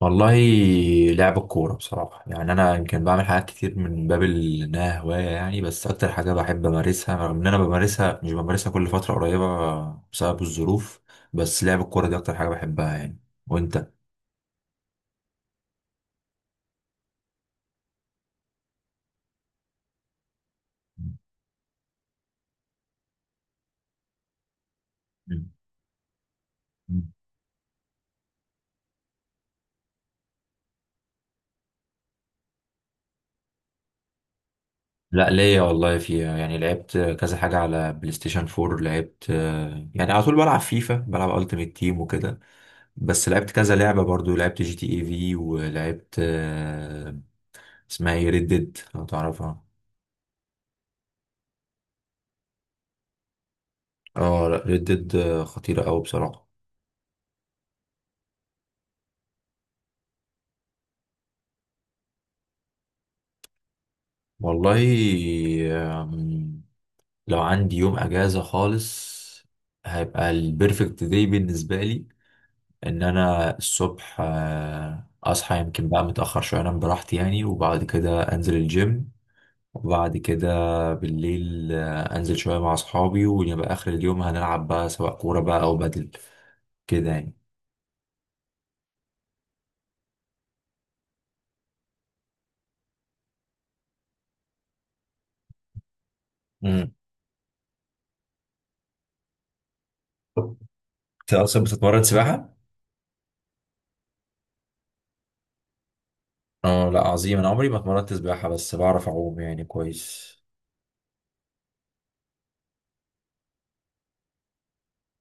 والله لعب الكورة بصراحة يعني أنا يمكن بعمل حاجات كتير من باب إنها هواية يعني، بس أكتر حاجة بحب أمارسها، رغم إن أنا بمارسها، مش بمارسها كل فترة قريبة بسبب الظروف. بس لعب الكورة دي أكتر حاجة بحبها يعني. وأنت؟ مم. لا ليا والله فيها يعني، لعبت كذا حاجة على بلاي ستيشن 4، لعبت يعني على طول بلعب فيفا، بلعب التيمت تيم وكده. بس لعبت كذا لعبة برضو، لعبت جي تي اي في، ولعبت اسمها ايه، ريد ديد لو تعرفها. اه لا، ريد ديد خطيرة أوي بصراحة. والله، آم، لو عندي يوم أجازة خالص، هيبقى البرفكت داي بالنسبة لي. إن أنا الصبح أصحى يمكن بقى متأخر شوية، أنام براحتي يعني، وبعد كده أنزل الجيم. وبعد كده بالليل أنزل شوية مع أصحابي، ويبقى آخر اليوم هنلعب بقى، سواء كورة بقى أو بدل كده يعني. مم. أنت أصلا بتتمرن سباحة؟ اه لا عظيم، انا عمري ما اتمرنت سباحة، بس بعرف اعوم يعني كويس.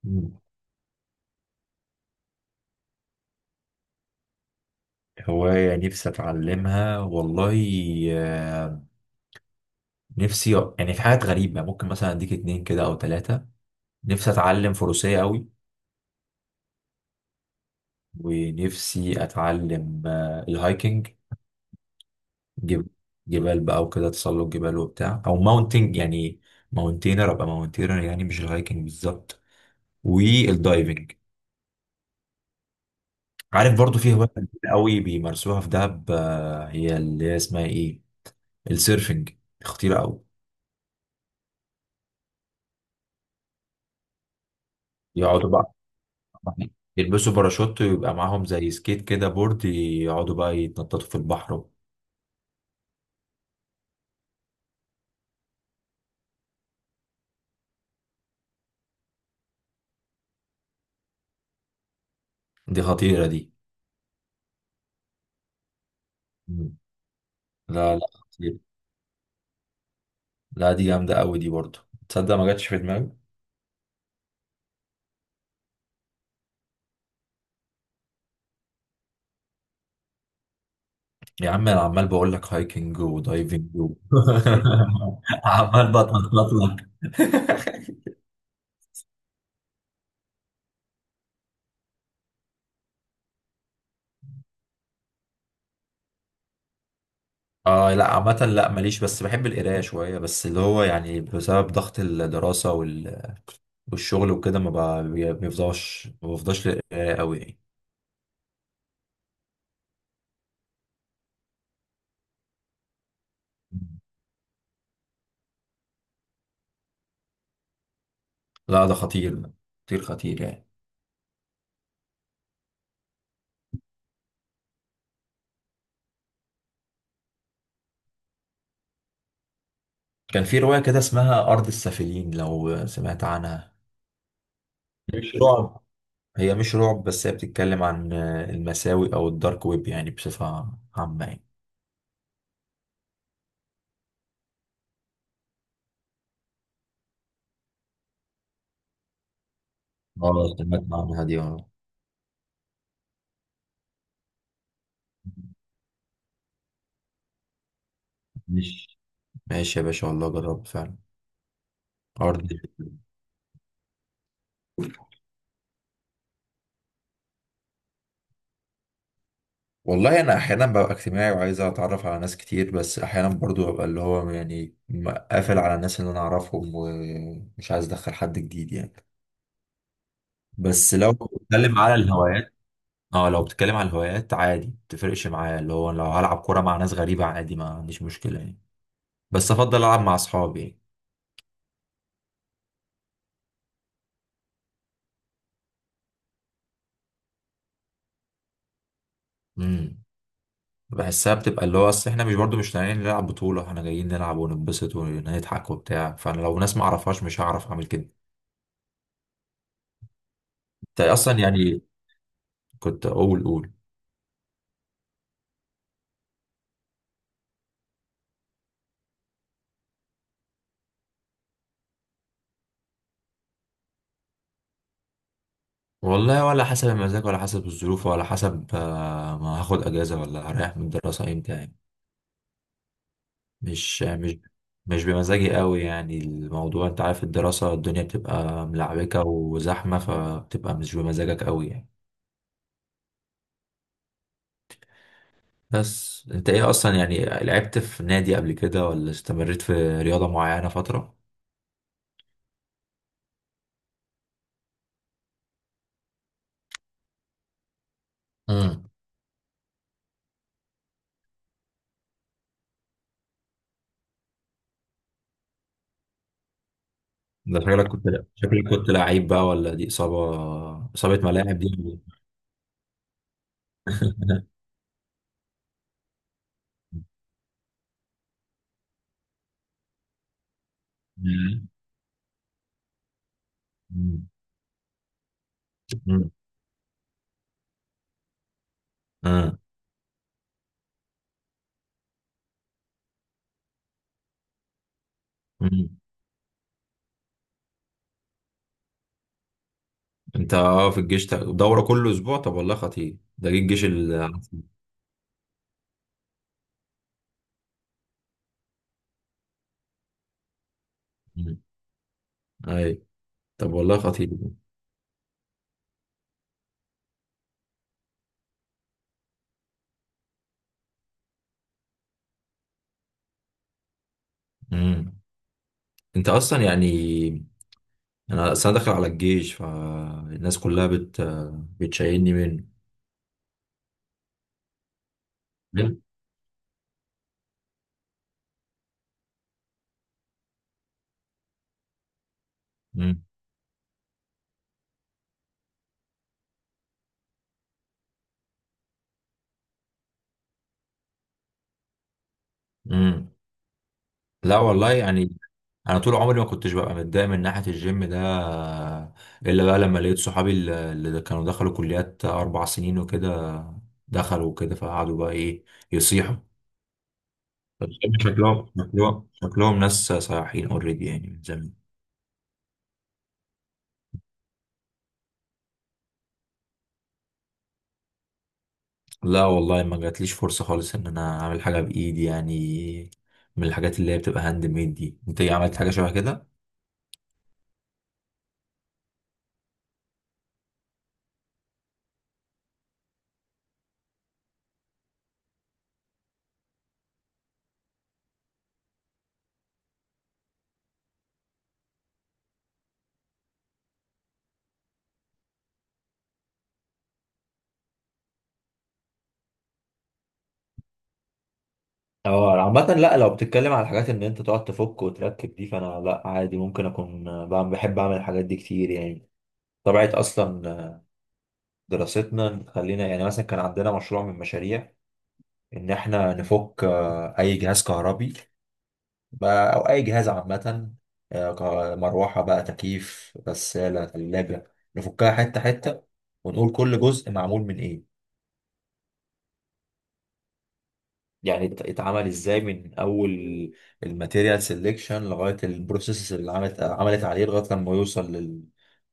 مم. هواية نفسي اتعلمها، والله آه، نفسي يعني، في حاجات غريبة ممكن مثلا اديك اتنين كده او تلاتة. نفسي اتعلم فروسية قوي، ونفسي اتعلم الهايكنج. جب... جبال بقى وكده، تسلق جبال وبتاع، او ماونتينج يعني، ماونتينر، ابقى ماونتينر يعني، مش الهايكنج بالظبط، والدايفنج. عارف برضو في هواية قوي بيمارسوها في دهب هي اللي هي اسمها ايه، السيرفنج، خطيرة أوي. يقعدوا بقى يلبسوا باراشوت، ويبقى معاهم زي سكيت كده، بورد، يقعدوا بقى يتنططوا في البحر. دي خطيرة دي. مم. لا لا خطيرة، لا دي جامدة أوي دي برضه، تصدق ما جاتش في دماغي. يا عم أنا عمال بقول لك هايكنج ودايفنج عمال بتنطط لك. اه لا عامة لا ماليش، بس بحب القراية شوية، بس اللي هو يعني بسبب ضغط الدراسة والشغل وكده، ما بقى- بيفضاش، ما بفضاش للقراية أوي يعني. لا ده خطير، خطير يعني. كان في رواية كده اسمها أرض السافلين، لو سمعت عنها. مش رعب، هي مش رعب، بس هي بتتكلم عن المساوئ أو الدارك ويب يعني، بصفة عامة يعني. اه سمعت عنها دي، اه. مش ماشي يا باشا، والله جرب فعلا. أرض. والله أنا أحيانا ببقى اجتماعي وعايز أتعرف على ناس كتير، بس أحيانا برضو ببقى اللي هو يعني قافل على الناس اللي أنا أعرفهم، ومش عايز أدخل حد جديد يعني. بس لو بتكلم على الهوايات، اه لو بتتكلم على الهوايات، عادي متفرقش معايا، اللي هو لو هلعب كورة مع ناس غريبة عادي، ما عنديش مشكلة يعني، بس افضل العب مع اصحابي يعني. امم بحسها بتبقى اللي هو، اصل احنا مش برضو مش طالعين نلعب بطولة، احنا جايين نلعب ونتبسط ونضحك وبتاع، فانا لو ناس ما اعرفهاش، مش هعرف اعمل كده. انت اصلا يعني، كنت اقول قول. والله، ولا حسب المزاج، ولا حسب الظروف، ولا حسب ما هاخد اجازة، ولا هريح من الدراسة امتى يعني. مش مش مش بمزاجي قوي يعني الموضوع، انت عارف الدراسة الدنيا بتبقى ملعبكة وزحمة، فبتبقى مش بمزاجك قوي يعني. بس انت ايه اصلا يعني، لعبت في نادي قبل كده، ولا استمريت في رياضة معينة فترة. امم ده شكلك كنت، لا شكلك كنت لعيب بقى، ولا دي إصابة، إصابة ملاعب دي. مم. مم. آه. مم. انت اه في الجيش، دورة كل اسبوع؟ طب والله خطير ده، جه الجيش ال... مم. اي، طب والله خطير. امم انت اصلا يعني، انا اصلا داخل على الجيش، فالناس كلها بتشيلني منه. حلو؟ امم. امم. لا والله يعني، انا طول عمري ما كنتش ببقى متضايق من ناحيه الجيم ده، الا بقى لما لقيت صحابي اللي كانوا دخلوا كليات 4 سنين وكده، دخلوا وكده، فقعدوا بقى ايه، يصيحوا. فالجيم، شكلهم ناس صياحين اوريدي يعني من زمان. لا والله ما جاتليش فرصة خالص ان انا اعمل حاجة بايدي يعني، من الحاجات اللي هي بتبقى هاند ميد دي. انت ايه عملت حاجة شبه كده؟ اه عامة لا، لو بتتكلم على الحاجات ان انت تقعد تفك وتركب دي، فانا لا عادي، ممكن اكون بعمل، بحب اعمل الحاجات دي كتير يعني. طبيعة اصلا دراستنا خلينا، يعني مثلا كان عندنا مشروع من مشاريع ان احنا نفك اي جهاز كهربي، او اي جهاز عامه، مروحه بقى، تكييف، غساله، ثلاجه، نفكها حته حته، ونقول كل جزء معمول من ايه، يعني اتعمل ازاي، من اول الماتيريال سيلكشن لغايه البروسيس اللي عملت عليه، لغايه لما يوصل لل...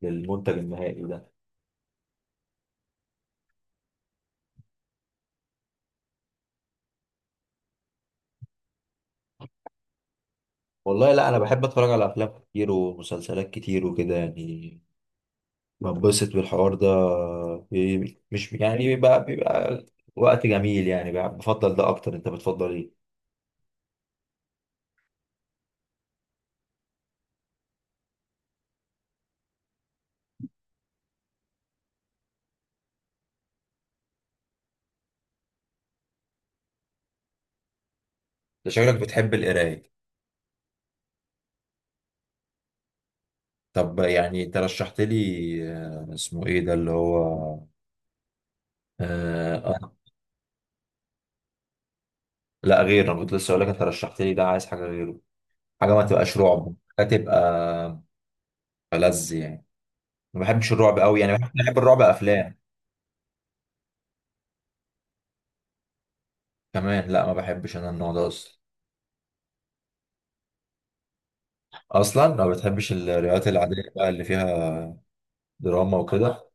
للمنتج النهائي ده. والله لا، انا بحب اتفرج على افلام كتير ومسلسلات كتير وكده يعني، بنبسط بالحوار ده. مش يعني، بيبقى وقت جميل يعني، بفضل ده اكتر. انت بتفضل ايه؟ ده شكلك بتحب القراية. طب يعني انت رشحت لي اسمه ايه ده اللي هو، آه آه، لا غير، انا كنت لسه اقول لك انت رشحت لي ده، عايز حاجة غيره، حاجة ما تبقاش رعب، حاجة تبقى ألذ يعني، ما بحبش الرعب قوي يعني، بحب الرعب افلام كمان، لا ما بحبش انا النوع ده اصلا. اصلا ما بتحبش الروايات العادية بقى اللي فيها دراما وكده.